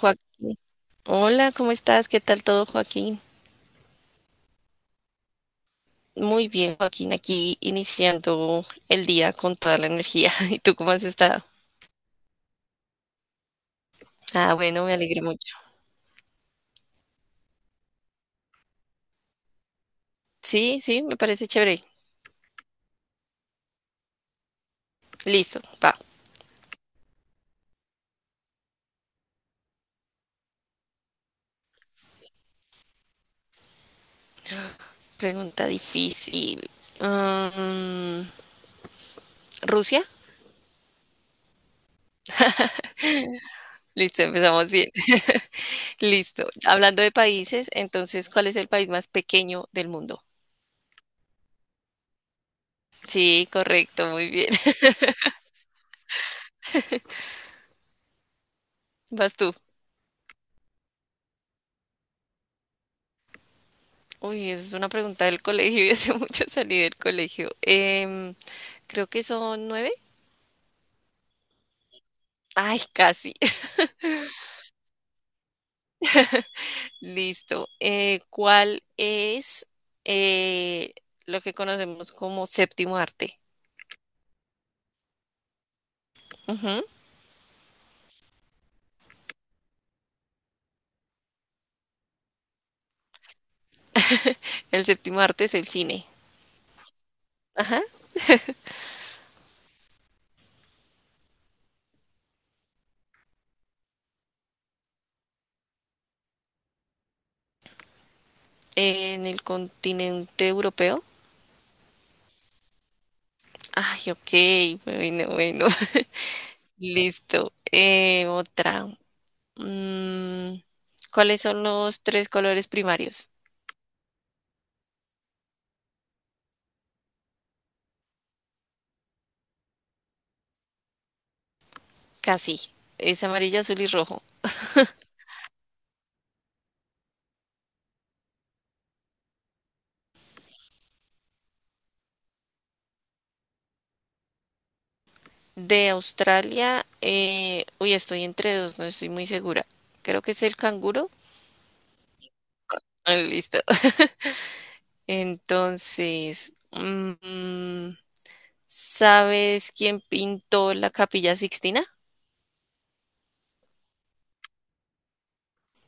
Joaquín. Hola, ¿cómo estás? ¿Qué tal todo, Joaquín? Muy bien, Joaquín, aquí iniciando el día con toda la energía. ¿Y tú cómo has estado? Ah, bueno, me alegré mucho. Sí, sí, me parece chévere. Listo, va. Pregunta difícil. Mm, ¿Rusia? Listo, empezamos bien. Listo. Hablando de países, entonces, ¿cuál es el país más pequeño del mundo? Sí, correcto, muy bien. Vas tú. Uy, esa es una pregunta del colegio y hace mucho salí del colegio. Creo que son nueve. Ay, casi. Listo. ¿Cuál es eh, lo que conocemos como séptimo arte? Ujú. El séptimo arte es el cine. Ajá. En el continente europeo. Ay, ok. Bueno, bueno. Listo. Otra. Mm, ¿Cuáles son los tres colores primarios? Casi. Es amarillo, azul y rojo. De Australia, uy, estoy entre dos, no estoy muy segura. Creo que es el canguro. Ah, listo. Entonces, ¿sabes quién pintó la Capilla Sixtina?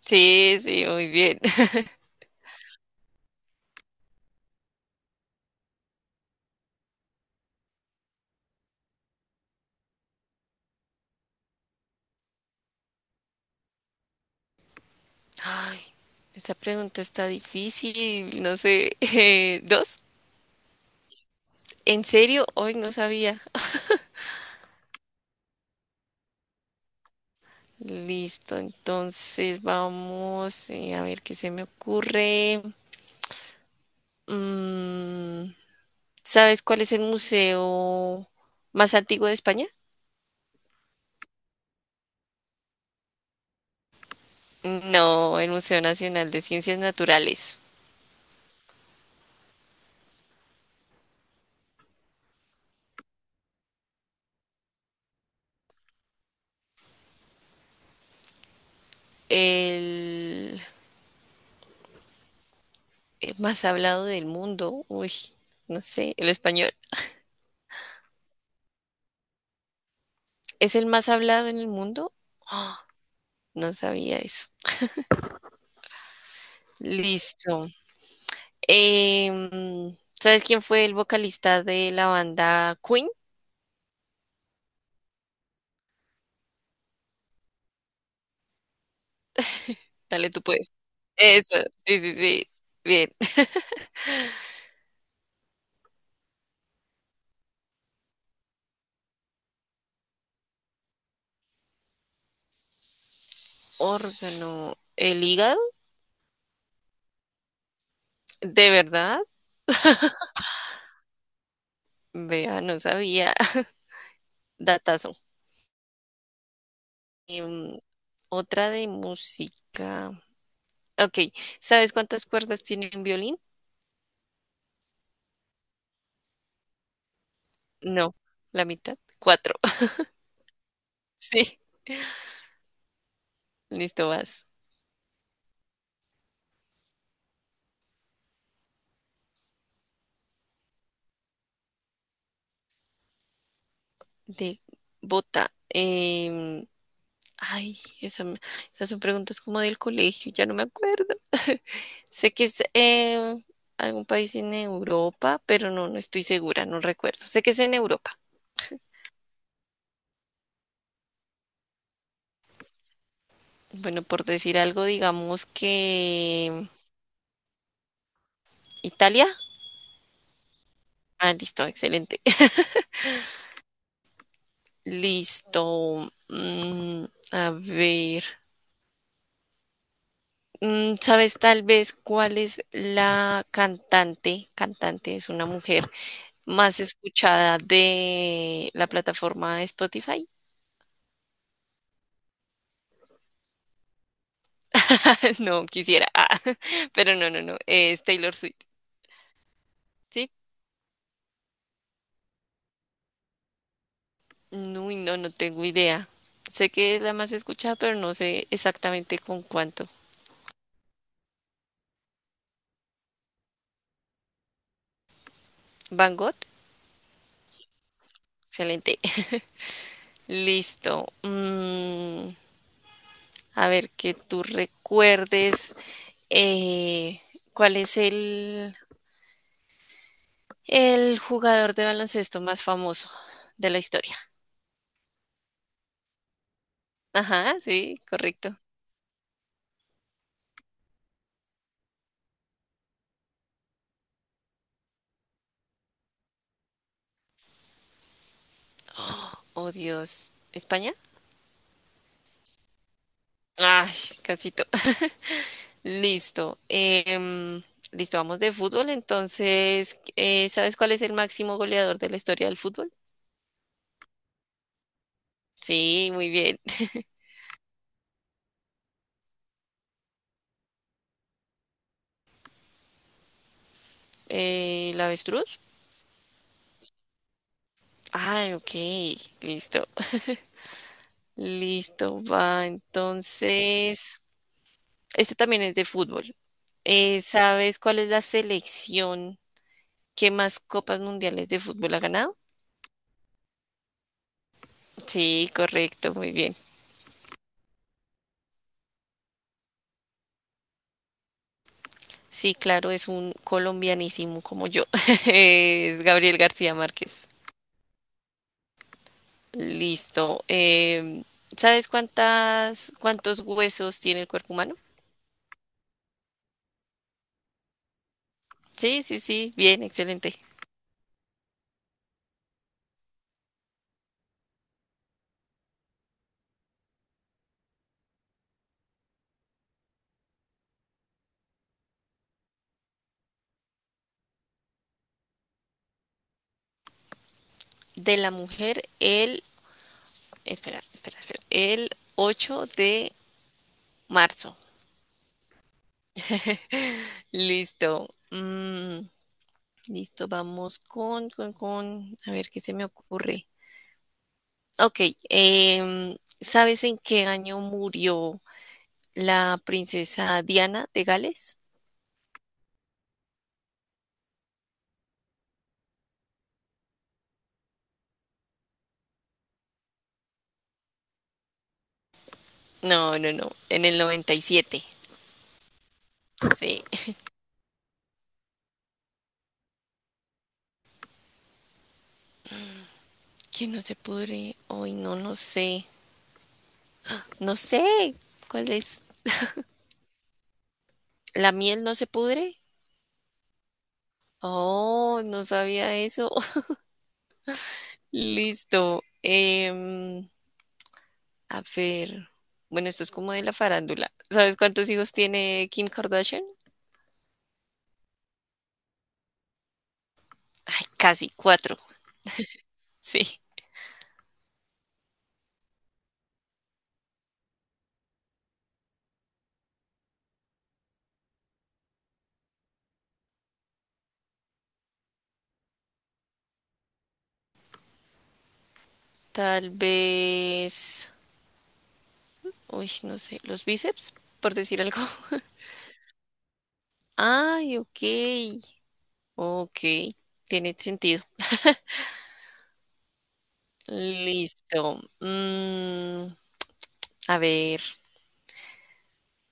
Sí, sí, muy bien. Ay, esta pregunta está difícil, no sé. ¿Dos? ¿En serio? Hoy no sabía. Listo, entonces vamos a ver qué se me ocurre. Mm, ¿Sabes cuál es el museo más antiguo de España? No, el Museo Nacional de Ciencias Naturales. El, el más hablado del mundo. Uy, no sé, el español. ¿Es el más hablado en el mundo? Ah, no sabía eso. Listo. ¿Sabes quién fue el vocalista de la banda Queen? Dale, tú puedes. Eso, sí, sí, sí. Bien. Órgano, el hígado, ¿de verdad? Vea, no sabía. Datazo. Em, otra de música. Ok, ¿sabes cuántas cuerdas tiene un violín? No, la mitad. Cuatro. Sí, listo, vas. De bota. Ay, esas son preguntas como del colegio, ya no me acuerdo. Sé que es algún país en Europa, pero no, no estoy segura, no recuerdo. Sé que es en Europa. Bueno, por decir algo, digamos que Italia. Ah, listo, excelente. Listo. A ver. ¿Sabes tal vez cuál es la cantante? Cantante es una mujer más escuchada de la plataforma Spotify. No quisiera, ah, pero no, no, no. Es Taylor Swift. ¿Sí? No, uy, no, no tengo idea. Sé que es la más escuchada, pero no sé exactamente con cuánto. Van Gogh. Excelente. Listo. A ver, que tú recuerdes. Eh, ¿Cuál es el jugador de baloncesto más famoso de la historia? Ajá, sí, correcto. Oh, Dios. ¿España? Ay, casito. Listo. Em, listo, vamos de fútbol. Entonces, ¿sabes cuál es el máximo goleador de la historia del fútbol? Sí, muy bien. ¿El avestruz? Ay, ok. Listo. Listo, va. Entonces, este también es de fútbol. ¿Sabes cuál es la selección que más copas mundiales de fútbol ha ganado? Sí, correcto, muy bien. Sí, claro, es un colombianísimo como yo. Es Gabriel García Márquez. Listo. Em, ¿sabes cuántos huesos tiene el cuerpo humano? Sí, sí, sí, bien, excelente. De la mujer, el, espera, espera, espera, el 8 de marzo. Listo. Mm, Listo, vamos con, a ver qué se me ocurre. Ok, ¿sabes en qué año murió la princesa Diana de Gales? No, no, no, en el 97. Sí. Que no se pudre, hoy no, no sé, no sé, ¿cuál es? ¿La miel no se pudre? Oh, no sabía eso. Listo. A ver, bueno, esto es como de la farándula. ¿Sabes cuántos hijos tiene Kim Kardashian? Ay, casi cuatro. Sí. Tal vez. Uy, no sé. Los bíceps, por decir algo. Ay, ok. Ok. Tiene sentido. Listo. A ver.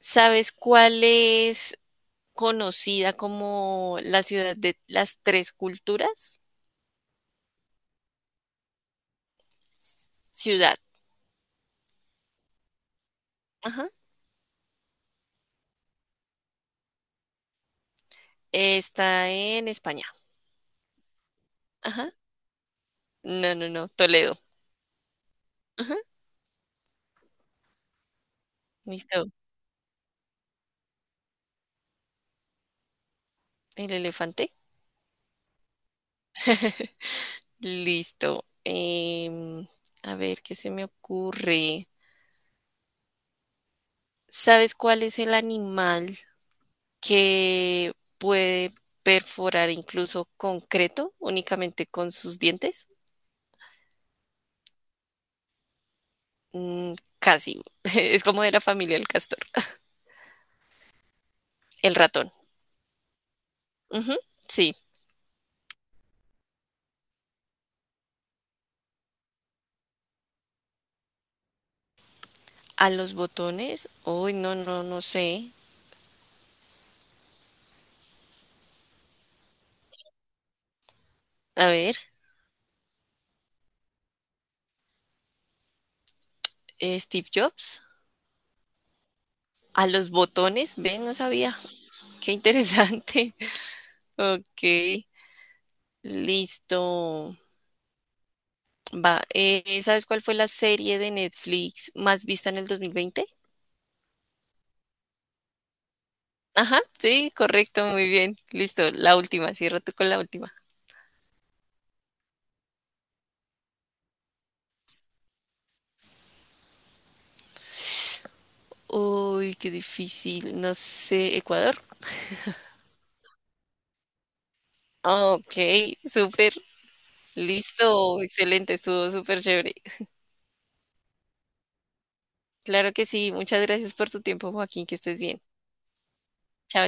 ¿Sabes cuál es conocida como la ciudad de las tres culturas? Ciudad. Ajá. Está en España. Ajá. No, no, no. Toledo. Ajá. Listo. El elefante. Listo. A ver, ¿qué se me ocurre? ¿Sabes cuál es el animal que puede perforar incluso concreto únicamente con sus dientes? Mm, casi. Es como de la familia del castor. El ratón. Ujú, sí. A los botones. Uy, no, no, no sé. A ver, Steve Jobs. A los botones. Ven, no sabía. Qué interesante. Ok. Listo. Va, ¿sabes cuál fue la serie de Netflix más vista en el 2020? Ajá, sí, correcto, muy bien. Listo, la última, cierra tú con la última. Uy, qué difícil, no sé, Ecuador. Ah, ok, súper, listo, excelente, estuvo súper chévere. Claro que sí, muchas gracias por tu tiempo, Joaquín, que estés bien. Chao.